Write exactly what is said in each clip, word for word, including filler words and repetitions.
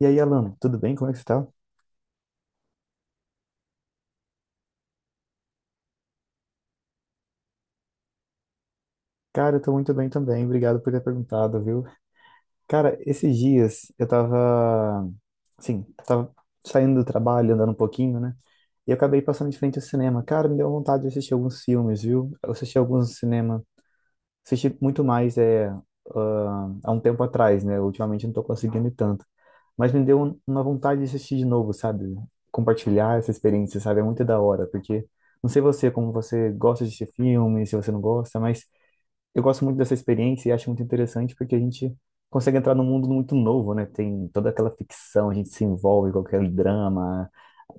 E aí, Alan, tudo bem? Como é que você tá? Cara, eu tô muito bem também. Obrigado por ter perguntado, viu? Cara, esses dias eu tava, assim, tava saindo do trabalho, andando um pouquinho, né? E eu acabei passando de frente ao cinema. Cara, me deu vontade de assistir alguns filmes, viu? Eu assisti alguns no cinema. Assisti muito mais é, ah, há um tempo atrás, né? Ultimamente eu não tô conseguindo ir tanto. Mas me deu um- uma vontade de assistir de novo, sabe? Compartilhar essa experiência, sabe? É muito da hora, porque não sei você, como você gosta de assistir filme, se você não gosta, mas eu gosto muito dessa experiência e acho muito interessante porque a gente consegue entrar num mundo muito novo, né? Tem toda aquela ficção, a gente se envolve com aquele drama,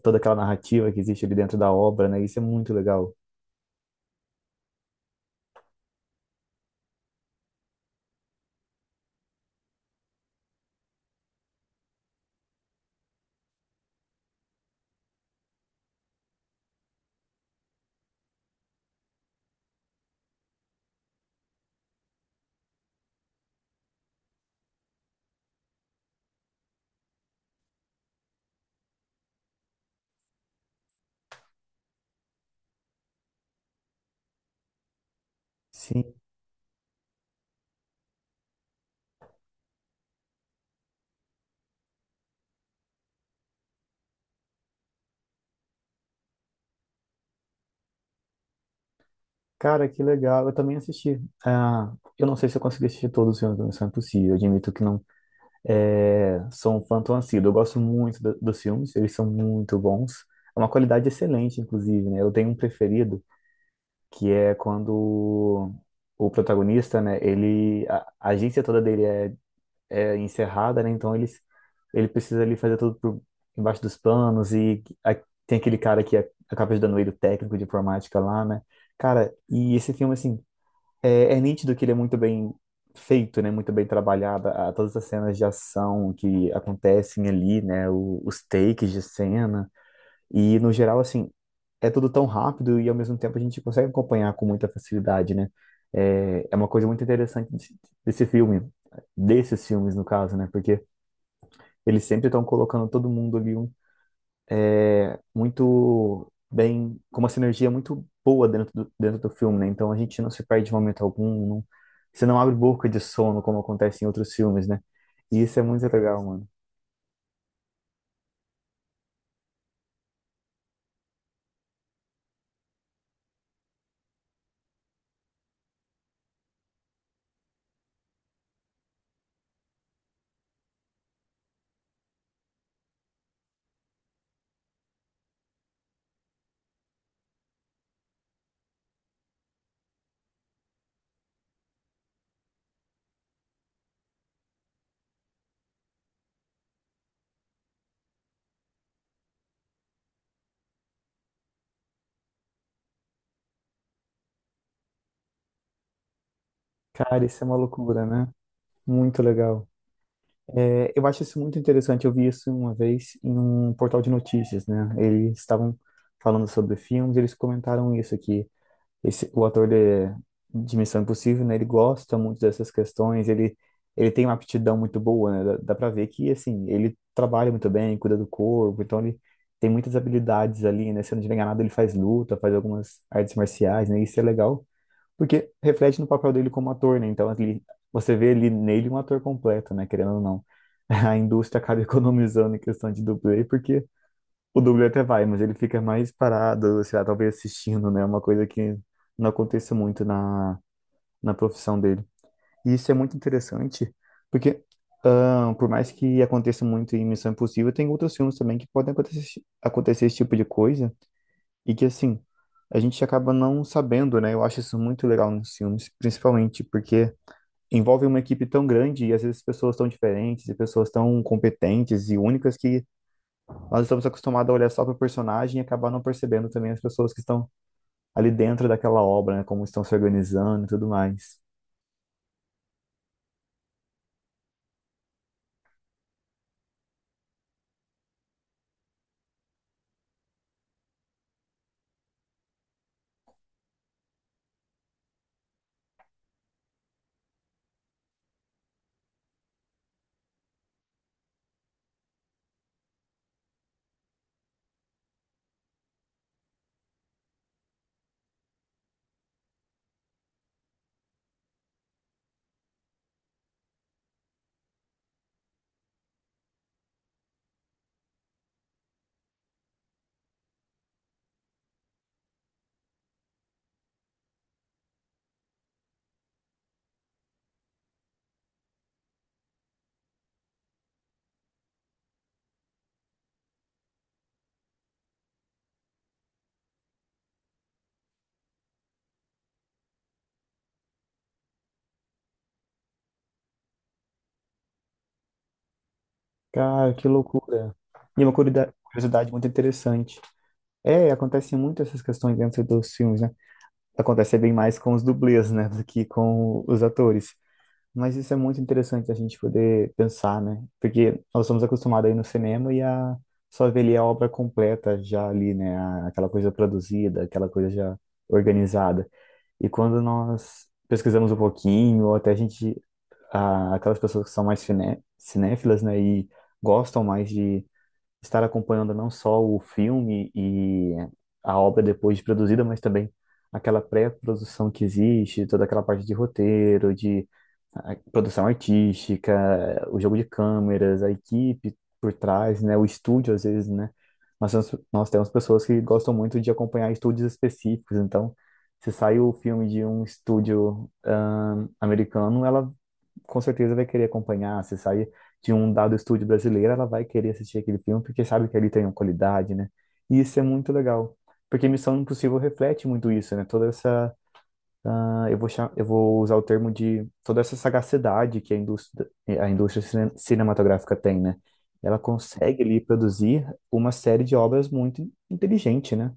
toda aquela narrativa que existe ali dentro da obra, né? Isso é muito legal. Sim, cara, que legal. Eu também assisti. Ah, eu não sei se eu consegui assistir todos os filmes do Missão Impossível. Eu admito que não é, sou um fã tão assíduo. Eu gosto muito do- dos filmes, eles são muito bons. É uma qualidade excelente, inclusive, né? Eu tenho um preferido que é quando o protagonista, né, ele a, a agência toda dele é, é encerrada, né? Então eles ele precisa ali fazer tudo por embaixo dos panos e a- tem aquele cara que é- acaba ajudando ele, o técnico de informática lá, né? Cara, e esse filme assim, é, é nítido que ele é muito bem feito, né? Muito bem trabalhado, a, todas as cenas de ação que acontecem ali, né? O, os takes de cena. E no geral, assim, é tudo tão rápido e ao mesmo tempo a gente consegue acompanhar com muita facilidade, né? É, é uma coisa muito interessante de- desse filme, desses filmes no caso, né? Porque eles sempre estão colocando todo mundo ali um, muito bem, com uma sinergia muito boa dentro do, dentro do filme, né? Então a gente não se perde de momento algum, não, você não abre boca de sono como acontece em outros filmes, né? E isso é muito legal, mano. Cara, isso é uma loucura, né? Muito legal. É, eu acho isso muito interessante. Eu vi isso uma vez em um portal de notícias, né? Eles estavam falando sobre filmes, eles comentaram isso aqui. Esse, o ator de, de Missão Impossível, né? Ele gosta muito dessas questões. Ele ele tem uma aptidão muito boa, né? Dá, dá para ver que assim ele trabalha muito bem, cuida do corpo, então ele tem muitas habilidades ali, né? Se eu não estiver enganado, ele faz luta, faz algumas artes marciais, né? Isso é legal porque reflete no papel dele como ator, né? Então, ele, você vê ali nele um ator completo, né? Querendo ou não. A indústria acaba economizando em questão de dublê, porque o dublê até vai, mas ele fica mais parado, sei lá, talvez assistindo, né? Uma coisa que não acontece muito na, na profissão dele. E isso é muito interessante, porque ah, por mais que aconteça muito em Missão Impossível, tem outros filmes também que podem acontecer, acontecer esse tipo de coisa. E que, assim, a gente acaba não sabendo, né? Eu acho isso muito legal nos filmes, principalmente porque envolve uma equipe tão grande e às vezes pessoas tão diferentes e pessoas tão competentes e únicas que nós estamos acostumados a olhar só para o personagem e acabar não percebendo também as pessoas que estão ali dentro daquela obra, né? Como estão se organizando e tudo mais. Cara, que loucura. E uma curida- curiosidade muito interessante. É, acontecem muito essas questões dentro dos filmes, né? Acontece bem mais com os dublês, né? Do que com os atores. Mas isso é muito interessante a gente poder pensar, né? Porque nós somos acostumados aí no cinema e a só ver ali a obra completa já ali, né? A- Aquela coisa produzida, aquela coisa já organizada. E quando nós pesquisamos um pouquinho, ou até a gente, a- aquelas pessoas que são mais ciné cinéfilas, né? E gostam mais de estar acompanhando não só o filme e a obra depois de produzida, mas também aquela pré-produção que existe, toda aquela parte de roteiro, de ah, produção artística, o jogo de câmeras, a equipe por trás, né, o estúdio às vezes, né? Nós temos, nós temos pessoas que gostam muito de acompanhar estúdios específicos, então se sai o filme de um estúdio ahn, americano, ela com certeza vai querer acompanhar. Se sair de um dado estúdio brasileiro, ela vai querer assistir aquele filme porque sabe que ali tem uma qualidade, né? E isso é muito legal, porque Missão Impossível reflete muito isso, né? Toda essa, ah, eu vou, cha- eu vou usar o termo de toda essa sagacidade que a indústria, a indústria cine- cinematográfica tem, né? Ela consegue ali produzir uma série de obras muito inteligente, né?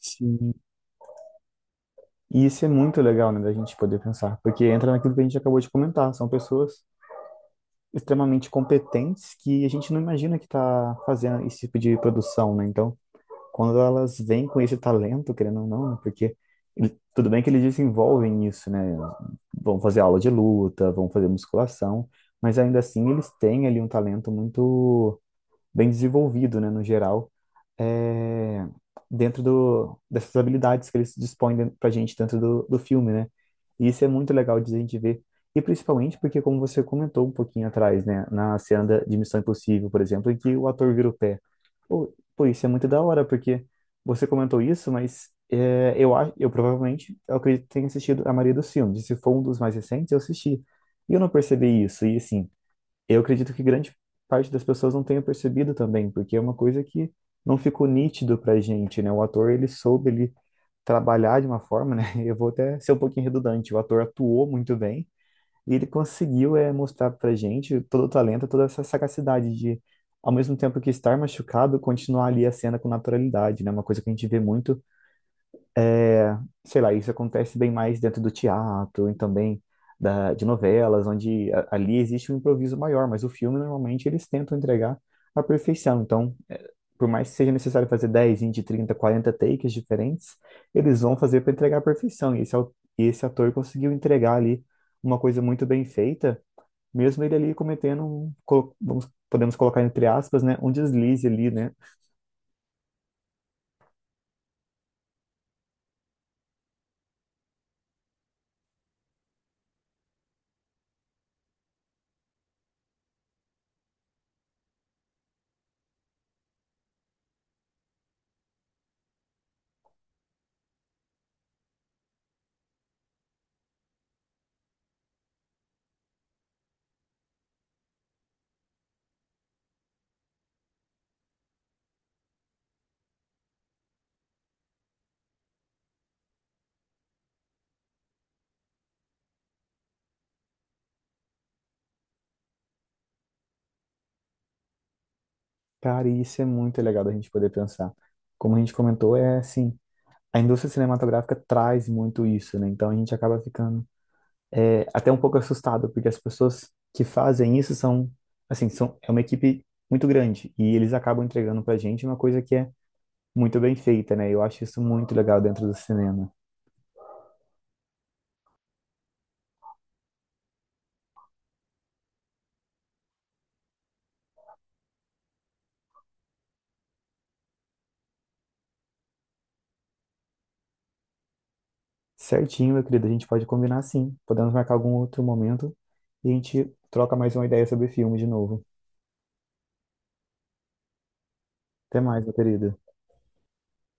Sim. E isso é muito legal, né, da gente poder pensar, porque entra naquilo que a gente acabou de comentar, são pessoas extremamente competentes que a gente não imagina que está fazendo esse tipo de produção, né? Então, quando elas vêm com esse talento, querendo ou não, né? Porque ele- tudo bem que eles desenvolvem isso, né? Vão fazer aula de luta, vão fazer musculação, mas ainda assim eles têm ali um talento muito bem desenvolvido, né, no geral, é, dentro do, dessas habilidades que eles dispõem para a gente dentro do, do filme, né? E isso é muito legal de a gente ver. E principalmente porque, como você comentou um pouquinho atrás, né, na cena da- de Missão Impossível, por exemplo, em que o ator vira o pé. Pô, pô, isso é muito da hora, porque você comentou isso, mas é, eu, a- eu provavelmente, eu acredito que tenha assistido a maioria dos filmes. E se for um dos mais recentes, eu assisti. E eu não percebi isso. E assim, eu acredito que grande parte das pessoas não tenha percebido também, porque é uma coisa que não ficou nítido pra gente, né? O ator, ele soube ele trabalhar de uma forma, né? Eu vou até ser um pouquinho redundante. O ator atuou muito bem e ele conseguiu é, mostrar pra gente todo o talento, toda essa sagacidade de, ao mesmo tempo que estar machucado, continuar ali a cena com naturalidade, né? Uma coisa que a gente vê muito, sei lá, isso acontece bem mais dentro do teatro e também da, de novelas, onde a- ali existe um improviso maior, mas o filme normalmente eles tentam entregar a perfeição. Então, eh, por mais que seja necessário fazer dez, vinte, trinta, quarenta takes diferentes, eles vão fazer para entregar a perfeição. E esse, au- e esse ator conseguiu entregar ali uma coisa muito bem feita, mesmo ele ali cometendo, um, co- vamos, podemos colocar entre aspas, né, um deslize ali, né? Cara, e isso é muito legal da gente poder pensar. Como a gente comentou, é assim. A indústria cinematográfica traz muito isso, né? Então a gente acaba ficando é, até um pouco assustado, porque as pessoas que fazem isso são, assim, são, é uma equipe muito grande e eles acabam entregando pra gente uma coisa que é muito bem feita, né? Eu acho isso muito legal dentro do cinema. Certinho, meu querido, a gente pode combinar sim. Podemos marcar algum outro momento e a gente troca mais uma ideia sobre filme de novo. Até mais, meu querido.